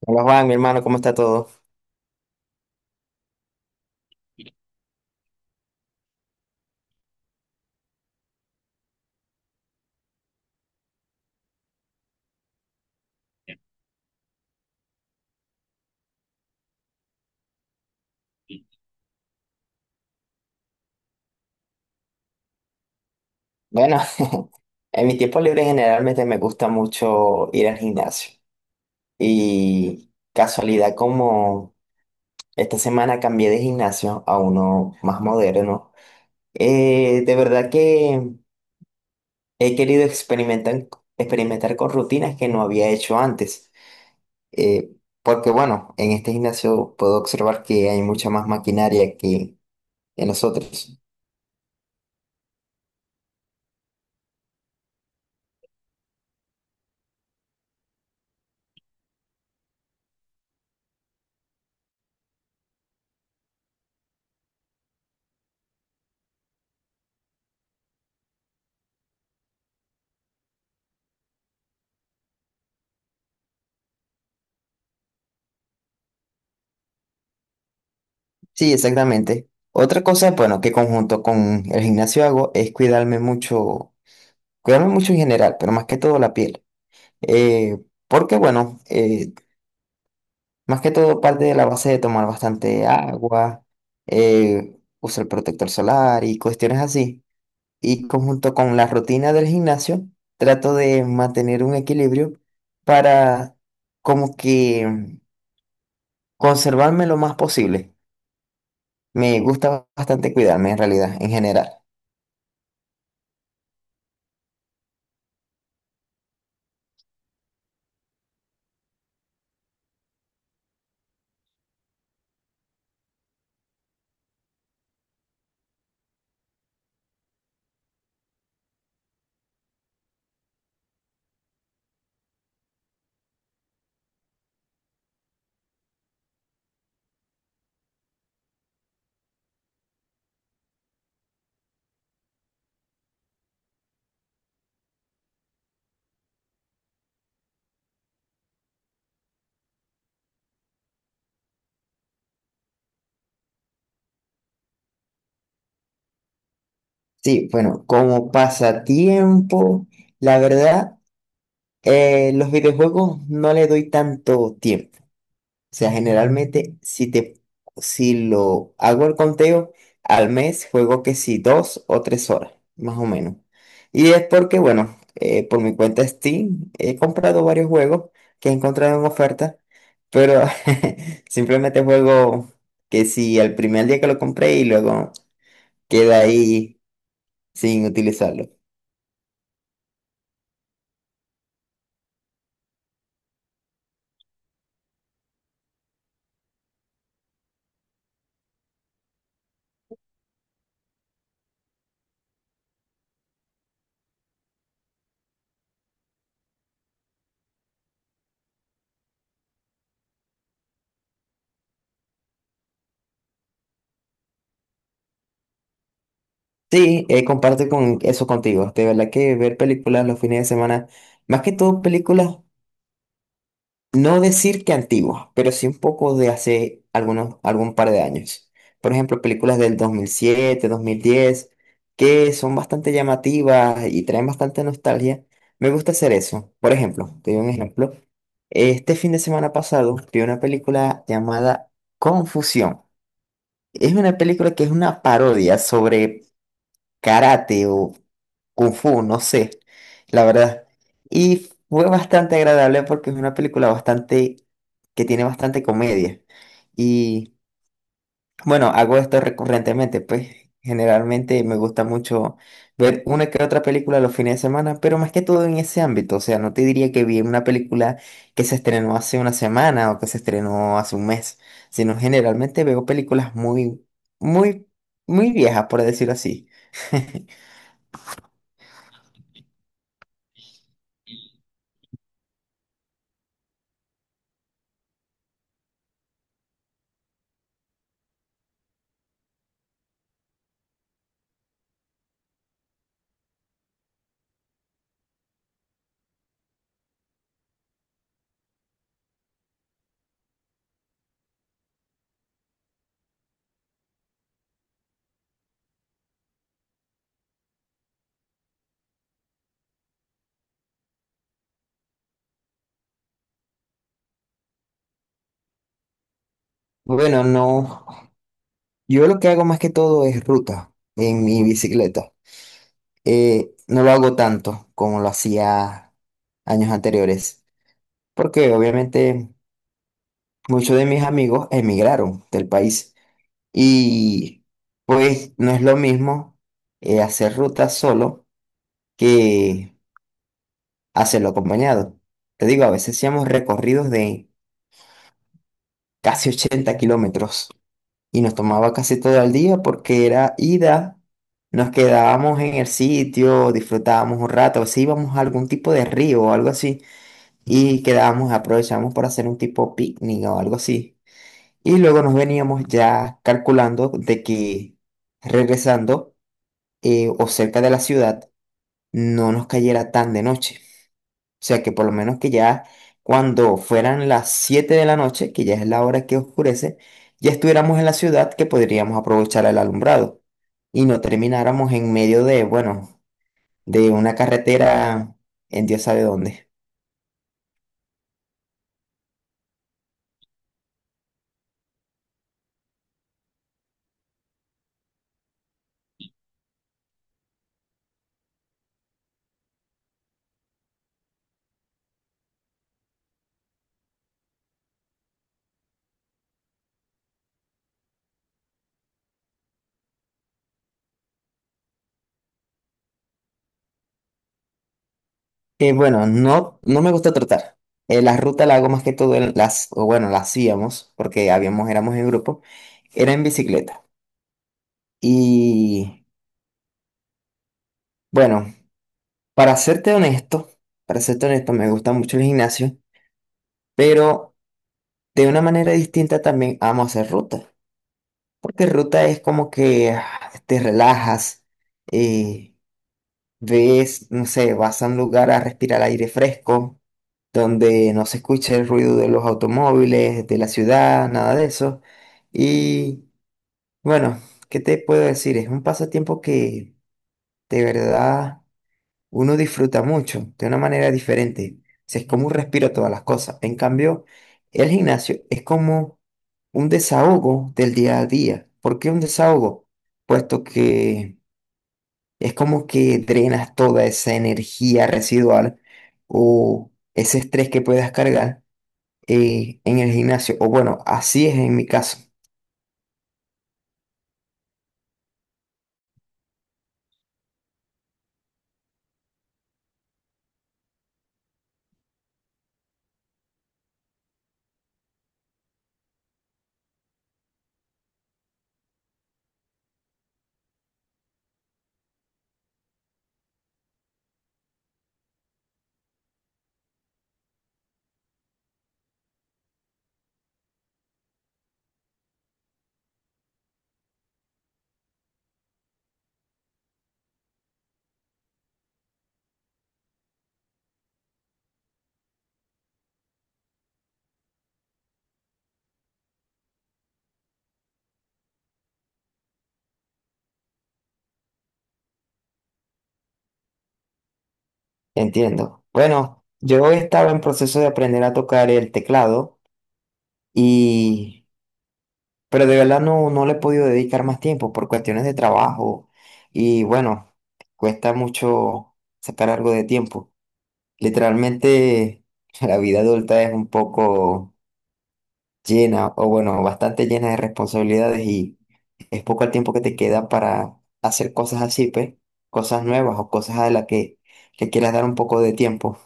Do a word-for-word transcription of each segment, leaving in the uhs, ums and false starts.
Hola Juan, mi hermano, ¿cómo está todo? Bueno, en mi tiempo libre generalmente me gusta mucho ir al gimnasio. Y casualidad como esta semana cambié de gimnasio a uno más moderno. Eh, de verdad que he querido experimentar, experimentar con rutinas que no había hecho antes. Eh, Porque bueno, en este gimnasio puedo observar que hay mucha más maquinaria que en los otros. Sí, exactamente. Otra cosa, bueno, que conjunto con el gimnasio hago es cuidarme mucho, cuidarme mucho en general, pero más que todo la piel. Eh, Porque, bueno, eh, más que todo parte de la base de tomar bastante agua, eh, usar protector solar y cuestiones así. Y conjunto con la rutina del gimnasio, trato de mantener un equilibrio para como que conservarme lo más posible. Me gusta bastante cuidarme en realidad, en general. Sí, bueno, como pasatiempo, la verdad, eh, los videojuegos no le doy tanto tiempo. O sea, generalmente, si te, si lo hago el conteo, al mes juego que sí dos o tres horas, más o menos. Y es porque, bueno, eh, por mi cuenta Steam he comprado varios juegos que he encontrado en oferta, pero simplemente juego que sí al primer día que lo compré y luego queda ahí sin utilizarlo. Sí, eh, comparto con eso contigo. De verdad que ver películas los fines de semana, más que todo películas, no decir que antiguas, pero sí un poco de hace algunos, algún par de años. Por ejemplo, películas del dos dos mil siete, dos mil diez, que son bastante llamativas y traen bastante nostalgia. Me gusta hacer eso. Por ejemplo, te doy un ejemplo. Este fin de semana pasado vi una película llamada Confusión. Es una película que es una parodia sobre karate o Kung Fu, no sé, la verdad. Y fue bastante agradable porque es una película bastante, que tiene bastante comedia. Y bueno, hago esto recurrentemente, pues generalmente me gusta mucho ver una que otra película los fines de semana, pero más que todo en ese ámbito. O sea, no te diría que vi una película que se estrenó hace una semana o que se estrenó hace un mes, sino generalmente veo películas muy, muy, muy viejas, por decirlo así. Bueno, no. Yo lo que hago más que todo es ruta en mi bicicleta. Eh, no lo hago tanto como lo hacía años anteriores, porque obviamente muchos de mis amigos emigraron del país y pues no es lo mismo, eh, hacer ruta solo que hacerlo acompañado. Te digo, a veces hacíamos recorridos de casi ochenta kilómetros, y nos tomaba casi todo el día porque era ida, nos quedábamos en el sitio, disfrutábamos un rato, si íbamos a algún tipo de río o algo así y quedábamos, aprovechábamos para hacer un tipo picnic o algo así. Y luego nos veníamos ya calculando de que regresando, eh, o cerca de la ciudad, no nos cayera tan de noche. O sea que por lo menos que ya cuando fueran las siete de la noche, que ya es la hora que oscurece, ya estuviéramos en la ciudad que podríamos aprovechar el alumbrado y no termináramos en medio de, bueno, de una carretera en Dios sabe dónde. Eh, bueno, no, no me gusta trotar. Eh, la ruta la hago más que todo en las, o bueno, la hacíamos, porque habíamos, éramos en grupo, era en bicicleta. Y bueno, para serte honesto, para serte honesto, me gusta mucho el gimnasio, pero de una manera distinta también amo hacer ruta, porque ruta es como que ah, te relajas, eh, ves, no sé, vas a un lugar a respirar aire fresco, donde no se escucha el ruido de los automóviles, de la ciudad, nada de eso. Y bueno, ¿qué te puedo decir? Es un pasatiempo que de verdad uno disfruta mucho de una manera diferente. O sea, es como un respiro a todas las cosas. En cambio, el gimnasio es como un desahogo del día a día. ¿Por qué un desahogo? Puesto que es como que drenas toda esa energía residual o ese estrés que puedas cargar, eh, en el gimnasio. O bueno, así es en mi caso. Entiendo. Bueno, yo estaba en proceso de aprender a tocar el teclado y... pero de verdad no, no le he podido dedicar más tiempo por cuestiones de trabajo y bueno, cuesta mucho sacar algo de tiempo. Literalmente la vida adulta es un poco llena o bueno, bastante llena de responsabilidades y es poco el tiempo que te queda para hacer cosas así, pues, cosas nuevas o cosas a las que le quieras dar un poco de tiempo.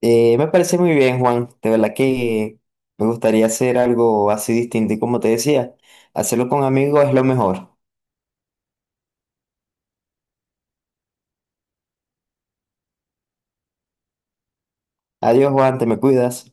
Eh, me parece muy bien, Juan. De verdad que me gustaría hacer algo así distinto y como te decía, hacerlo con amigos es lo mejor. Adiós, Juan, te me cuidas.